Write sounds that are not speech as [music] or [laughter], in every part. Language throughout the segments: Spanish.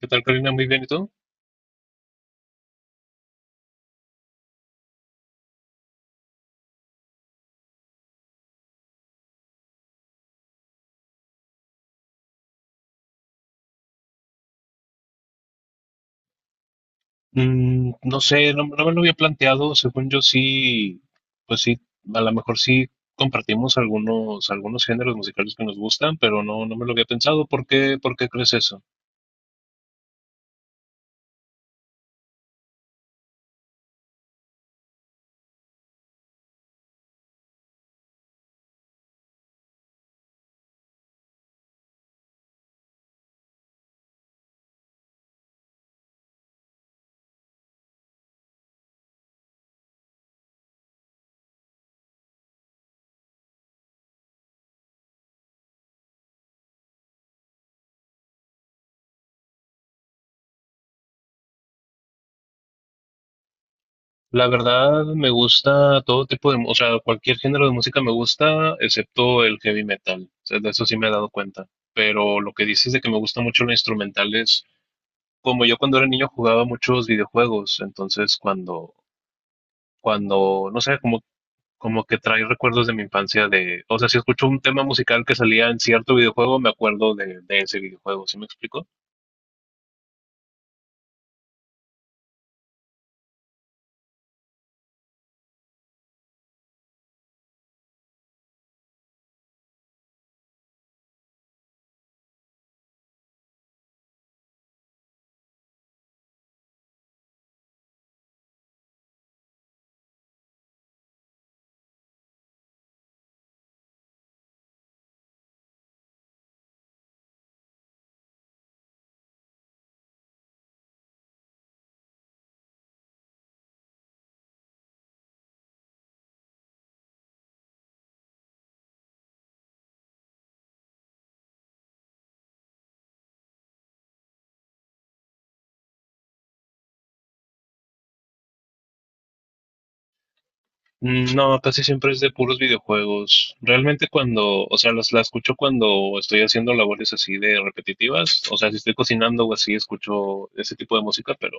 ¿Qué tal, Karina? Muy bien, ¿y tú? No sé, no, no me lo había planteado. Según yo sí, pues sí, a lo mejor sí compartimos algunos géneros musicales que nos gustan, pero no, no me lo había pensado. ¿Por qué crees eso? La verdad, me gusta todo tipo de, o sea, cualquier género de música me gusta, excepto el heavy metal. O sea, de eso sí me he dado cuenta. Pero lo que dices de que me gusta mucho lo instrumental es como yo cuando era niño jugaba muchos videojuegos, entonces cuando, no sé, como que trae recuerdos de mi infancia o sea, si escucho un tema musical que salía en cierto videojuego, me acuerdo de ese videojuego. ¿Sí me explico? No, casi siempre es de puros videojuegos. Realmente cuando, o sea, la escucho cuando estoy haciendo labores así de repetitivas. O sea, si estoy cocinando o así, escucho ese tipo de música, pero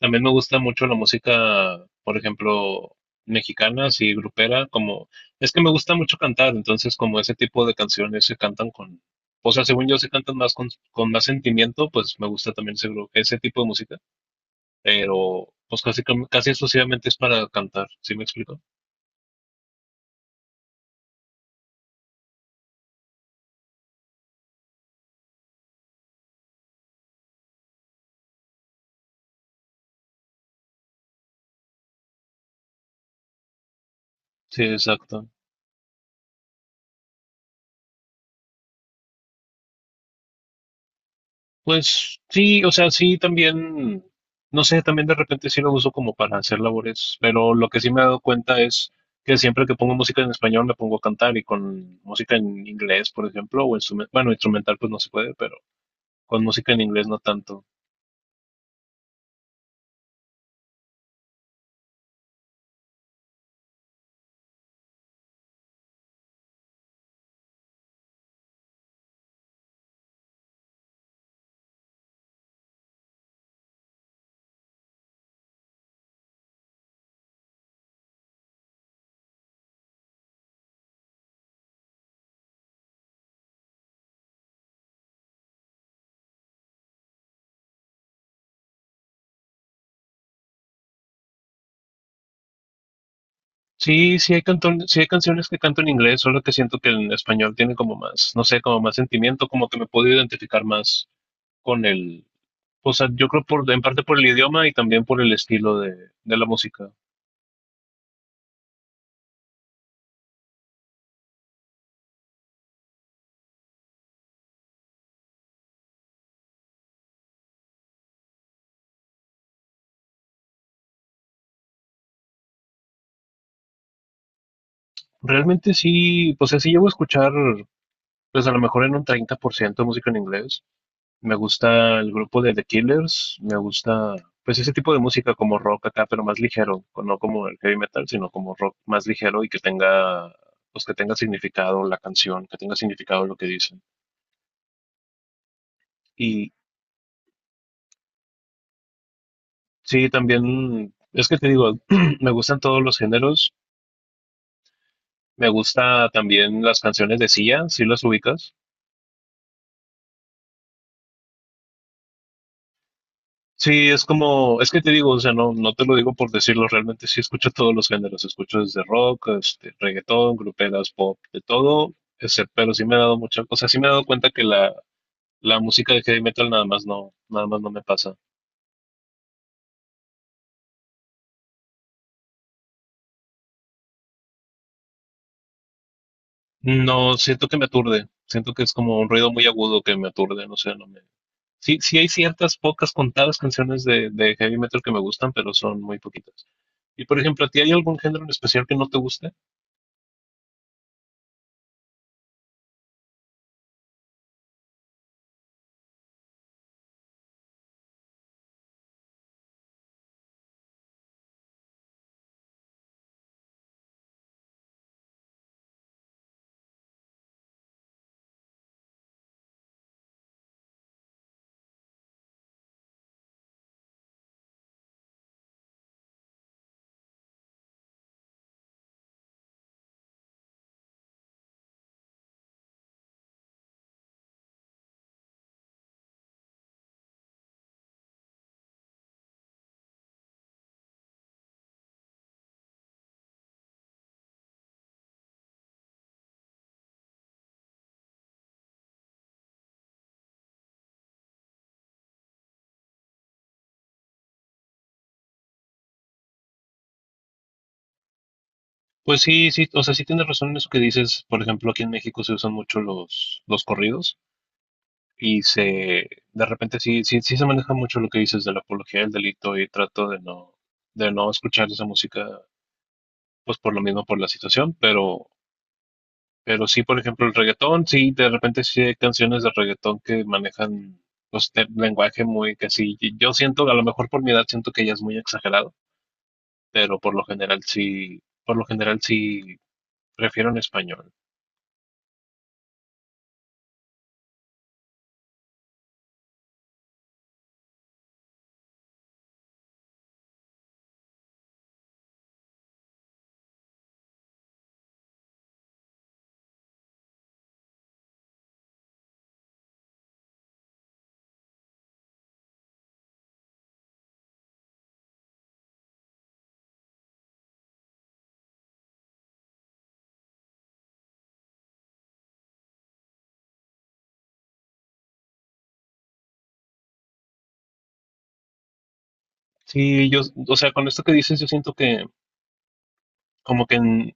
también me gusta mucho la música, por ejemplo, mexicana, así grupera, como, es que me gusta mucho cantar, entonces como ese tipo de canciones se cantan con, o sea, según yo se cantan más con más sentimiento, pues me gusta también ese tipo de música, pero pues casi, casi exclusivamente es para cantar. ¿Sí me explico? Sí, exacto. Pues sí, o sea, sí también, no sé, también de repente sí lo uso como para hacer labores, pero lo que sí me he dado cuenta es que siempre que pongo música en español me pongo a cantar y con música en inglés, por ejemplo, o instrumental, bueno, instrumental pues no se puede, pero con música en inglés no tanto. Sí, sí hay canciones que canto en inglés, solo que siento que en español tiene como más, no sé, como más sentimiento, como que me puedo identificar más con el, o sea, yo creo en parte por el idioma y también por el estilo de la música. Realmente sí, pues sea, sí llevo a escuchar, pues a lo mejor en un 30% música en inglés. Me gusta el grupo de The Killers, me gusta, pues ese tipo de música como rock acá, pero más ligero, no como el heavy metal, sino como rock más ligero y que tenga, pues que tenga significado la canción, que tenga significado lo que dicen. Y sí, también, es que te digo, [clears throat] me gustan todos los géneros, me gusta también las canciones de Sia, si las ubicas. Sí, es como, es que te digo, o sea, no, no te lo digo por decirlo, realmente sí escucho todos los géneros, escucho desde rock, reggaetón, gruperas, pop, de todo, pero sí me he dado mucha, o sea, sí me he dado cuenta que la música de heavy metal nada más no, nada más no me pasa. No, siento que me aturde, siento que es como un ruido muy agudo que me aturde, no sé, no me... Sí, sí hay ciertas pocas contadas canciones de heavy metal que me gustan, pero son muy poquitas. Y por ejemplo, ¿a ti hay algún género en especial que no te guste? Pues sí, sí, o sea, sí tienes razón en eso que dices. Por ejemplo, aquí en México se usan mucho los corridos y se, de repente sí, sí, sí se maneja mucho lo que dices de la apología del delito y trato de no escuchar esa música, pues por lo mismo, por la situación, pero sí, por ejemplo, el reggaetón, sí, de repente sí hay canciones de reggaetón que manejan, pues, lenguaje muy que sí, y yo siento, a lo mejor por mi edad siento que ya es muy exagerado, pero por lo general sí prefiero en español. Sí, yo, o sea, con esto que dices, yo siento que como que en-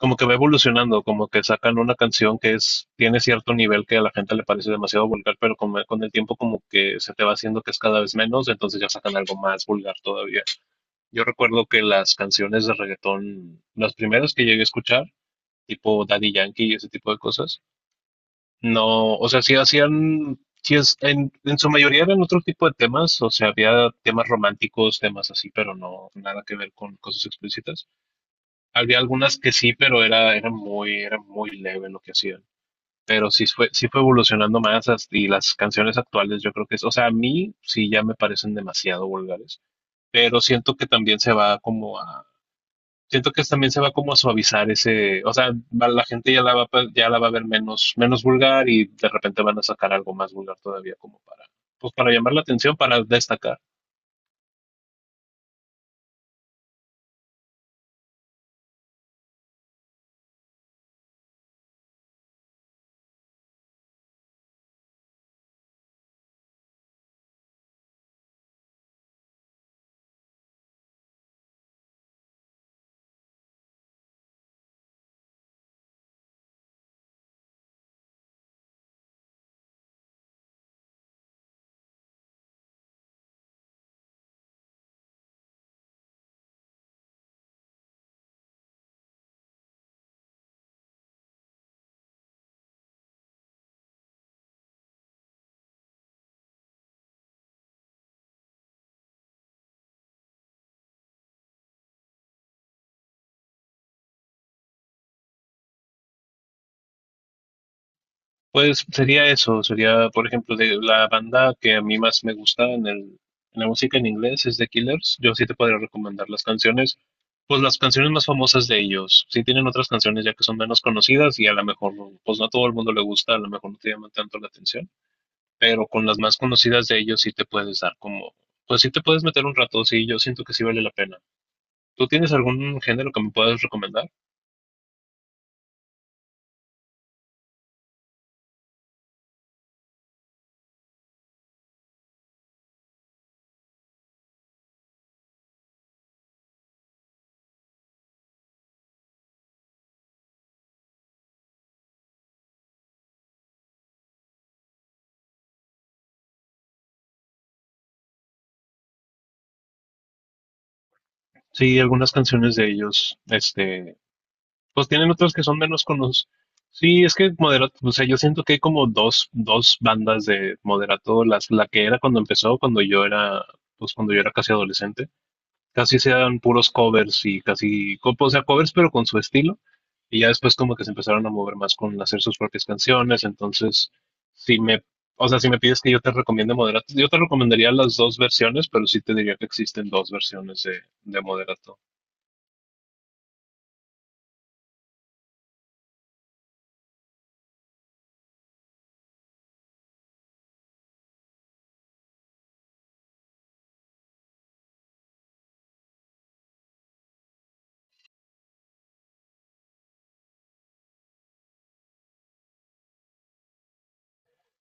como que va evolucionando, como que sacan una canción que es, tiene cierto nivel que a la gente le parece demasiado vulgar, pero con el tiempo como que se te va haciendo que es cada vez menos, entonces ya sacan algo más vulgar todavía. Yo recuerdo que las canciones de reggaetón, las primeras que llegué a escuchar, tipo Daddy Yankee y ese tipo de cosas. No, o sea, sí hacían, sí es, en su mayoría eran otro tipo de temas, o sea, había temas románticos, temas así, pero no, nada que ver con cosas explícitas. Había algunas que sí, pero era muy leve lo que hacían. Pero sí fue evolucionando más y las canciones actuales yo creo que es, o sea, a mí sí ya me parecen demasiado vulgares, pero siento que también se va como a suavizar ese, o sea, la gente ya la va a ver menos, menos vulgar y de repente van a sacar algo más vulgar todavía como para, pues para llamar la atención, para destacar. Pues sería eso, sería, por ejemplo, de la banda que a mí más me gusta en la música en inglés es The Killers. Yo sí te podría recomendar las canciones, pues las canciones más famosas de ellos. Sí tienen otras canciones ya que son menos conocidas y a lo mejor, pues no a todo el mundo le gusta, a lo mejor no te llaman tanto la atención, pero con las más conocidas de ellos sí te puedes dar como, pues sí te puedes meter un rato, sí, yo siento que sí vale la pena. ¿Tú tienes algún género que me puedas recomendar? Sí, algunas canciones de ellos, pues tienen otras que son menos conocidas. Sí, es que Moderato, o sea, yo siento que hay como dos bandas de Moderato, la que era cuando empezó, cuando yo era casi adolescente, casi sean puros covers y o sea, covers pero con su estilo. Y ya después como que se empezaron a mover más con hacer sus propias canciones. Entonces, si me, si me pides que yo te recomiende Moderato, yo te recomendaría las dos versiones, pero sí te diría que existen dos versiones de Moderato.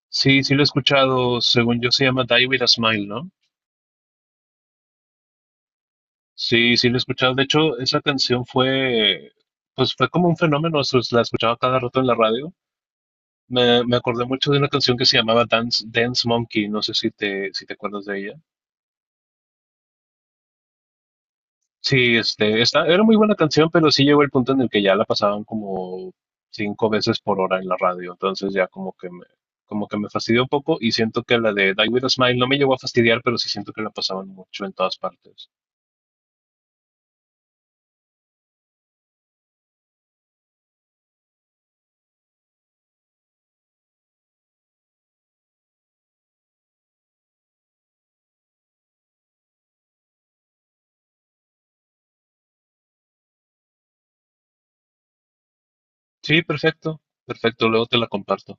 Sí, sí lo he escuchado, según yo se llama Die With A Smile, ¿no? Sí, sí lo he escuchado. De hecho, esa canción fue como un fenómeno, o sea, la escuchaba cada rato en la radio. Me acordé mucho de una canción que se llamaba Dance, Dance Monkey, no sé si te acuerdas de ella. Sí, esta era muy buena canción, pero sí llegó el punto en el que ya la pasaban como cinco veces por hora en la radio, entonces ya como que me fastidió un poco y siento que la de Die With a Smile no me llegó a fastidiar, pero sí siento que la pasaban mucho en todas partes. Sí, perfecto, perfecto, luego te la comparto.